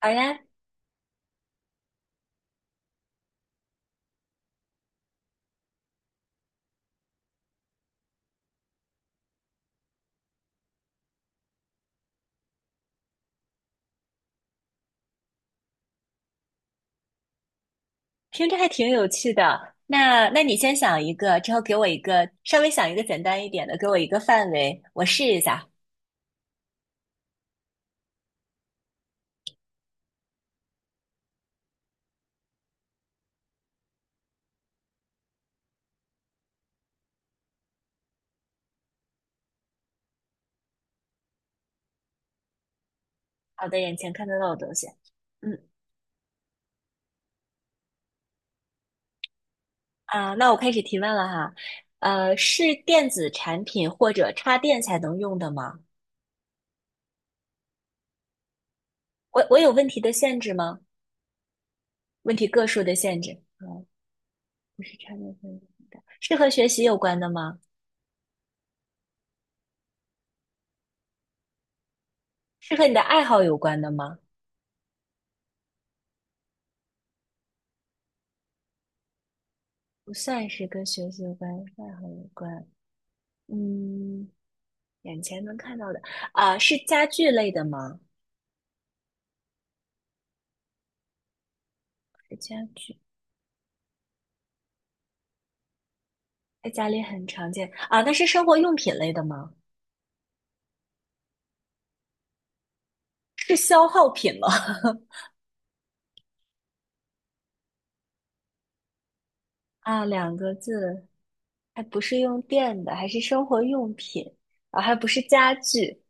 好呀，听着还挺有趣的。那你先想一个，之后给我一个，稍微想一个简单一点的，给我一个范围，我试一下。好的，眼前看得到的东西。嗯啊，那我开始提问了哈。是电子产品或者插电才能用的吗？我有问题的限制吗？问题个数的限制？啊，不是插电才能用，是和学习有关的吗？是和你的爱好有关的吗？不算是跟学习有关，爱好有关。嗯。眼前能看到的啊，是家具类的吗？是家具，在家里很常见啊。那是生活用品类的吗？是消耗品吗？啊，2个字，还不是用电的，还是生活用品啊，还不是家具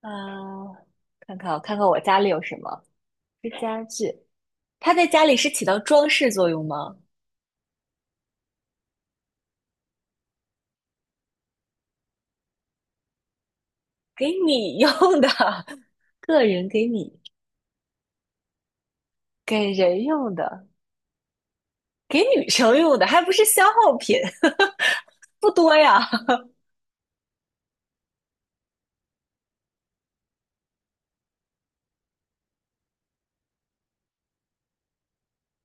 啊。看看我，看看我家里有什么？是家具，它在家里是起到装饰作用吗？给你用的，个人给你给人用的，给女生用的，还不是消耗品，不多呀。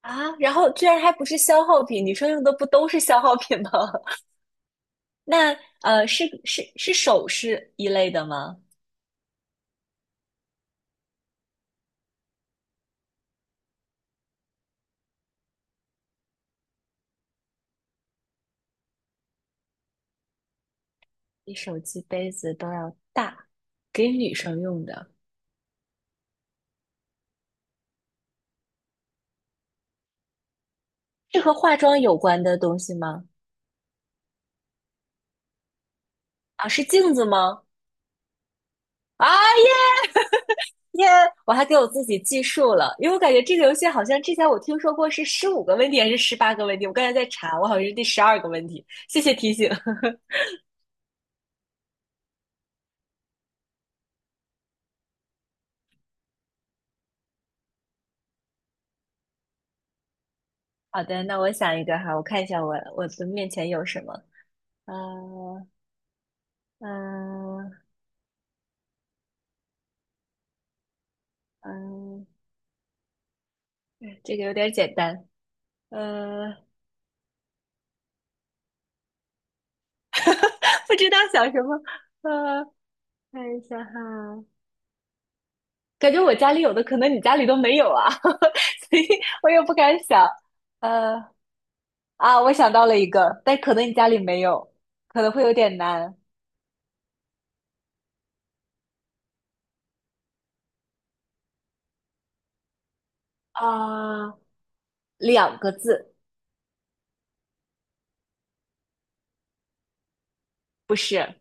啊，然后居然还不是消耗品，女生用的不都是消耗品吗？那是首饰一类的吗？比手机、杯子都要大，给女生用的，是和化妆有关的东西吗？啊，是镜子吗？啊耶耶！我还给我自己计数了，因为我感觉这个游戏好像之前我听说过是15个问题还是18个问题，我刚才在查，我好像是第12个问题，谢谢提醒。好的，那我想一个哈，我看一下我的面前有什么。啊。嗯嗯，这个有点简单。呃，不知道想什么。呃，看一下哈，感觉我家里有的，可能你家里都没有啊，所以我也不敢想。呃，啊，我想到了一个，但可能你家里没有，可能会有点难。啊、两个字，不是。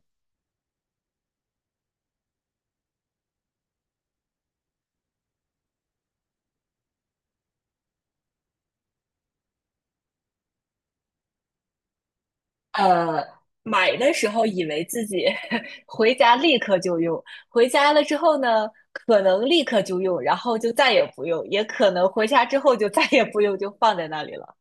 呃，买的时候以为自己 回家立刻就用，回家了之后呢，可能立刻就用，然后就再也不用，也可能回家之后就再也不用，就放在那里了。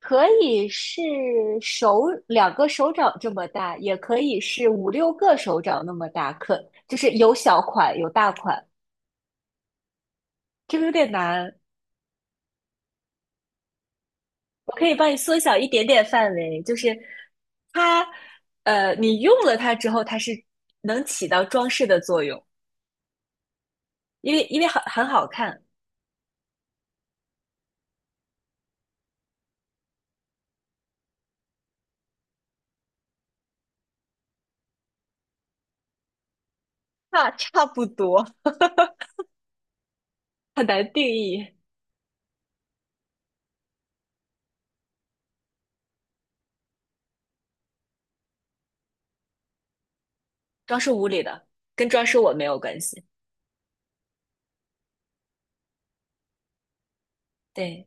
可以是手2个手掌这么大，也可以是5、6个手掌那么大，可就是有小款有大款，这个有点难。我可以帮你缩小一点点范围，就是它，你用了它之后，它是能起到装饰的作用。因为很好看，差不多。很难定义。装饰屋里的跟装饰我没有关系，对，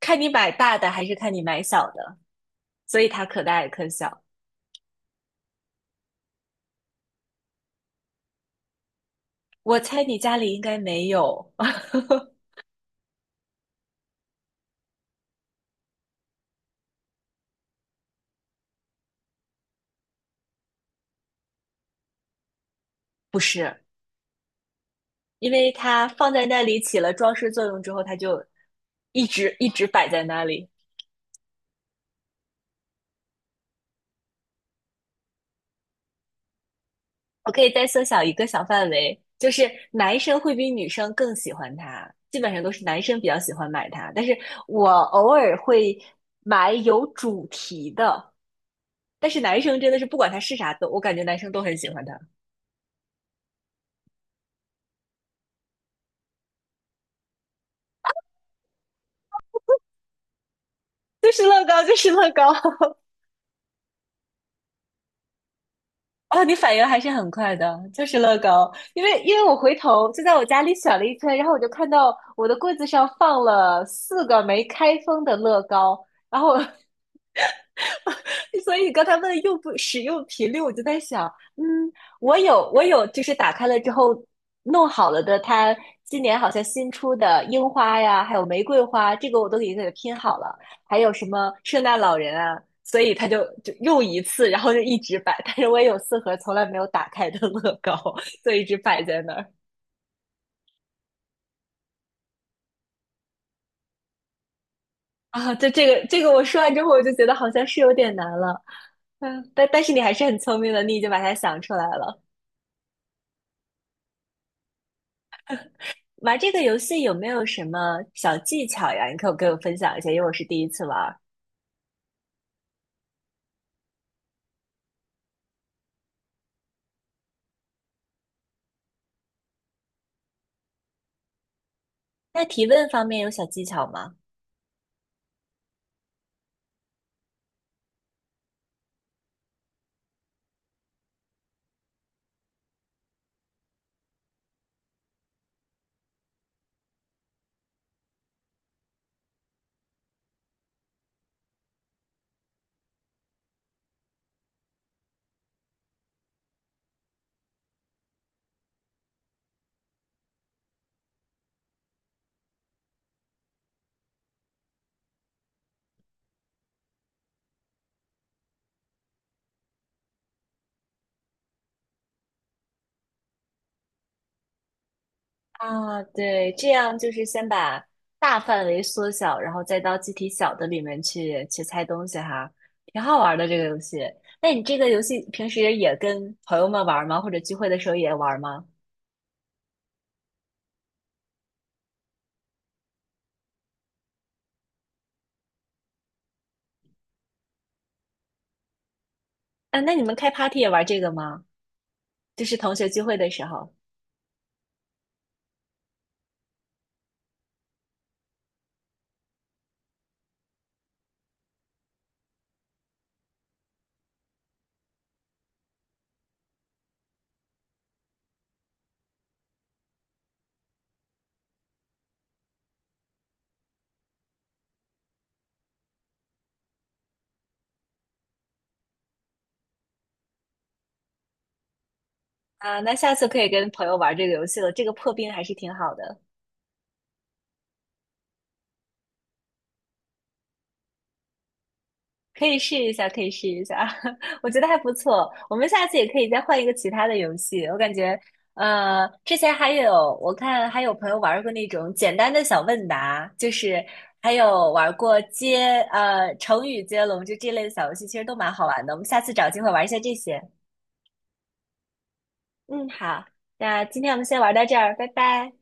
看你买大的还是看你买小的，所以它可大也可小。我猜你家里应该没有，不是，因为它放在那里起了装饰作用之后，它就一直摆在那里。我可以再缩小一个小范围，就是男生会比女生更喜欢它，基本上都是男生比较喜欢买它，但是我偶尔会买有主题的，但是男生真的是不管它是啥都，我感觉男生都很喜欢它，就是乐高，就是乐高。啊，你反应还是很快的，就是乐高，因为我回头就在我家里选了一圈，然后我就看到我的柜子上放了4个没开封的乐高，然后 所以刚才问用不使用频率，我就在想，嗯，我有，就是打开了之后弄好了的，它今年好像新出的樱花呀，还有玫瑰花，这个我都已经给它拼好了，还有什么圣诞老人啊，所以他就就用一次，然后就一直摆。但是我也有4盒从来没有打开的乐高，所以一直摆在那儿啊。就这个我说完之后，我就觉得好像是有点难了，嗯，但是你还是很聪明的，你已经把它想出来了。玩这个游戏有没有什么小技巧呀？你可不给我分享一下，因为我是第一次玩儿。那提问方面有小技巧吗？啊，对，这样就是先把大范围缩小，然后再到具体小的里面去去猜东西哈，挺好玩的这个游戏。那你这个游戏平时也跟朋友们玩吗？或者聚会的时候也玩吗？啊，那你们开 party 也玩这个吗？就是同学聚会的时候啊，那下次可以跟朋友玩这个游戏了，这个破冰还是挺好的。可以试一下，可以试一下，我觉得还不错。我们下次也可以再换一个其他的游戏。我感觉，之前还有我看还有朋友玩过那种简单的小问答，就是还有玩过接成语接龙，就这类的小游戏，其实都蛮好玩的。我们下次找机会玩一下这些。嗯，好，那今天我们先玩到这儿，拜拜。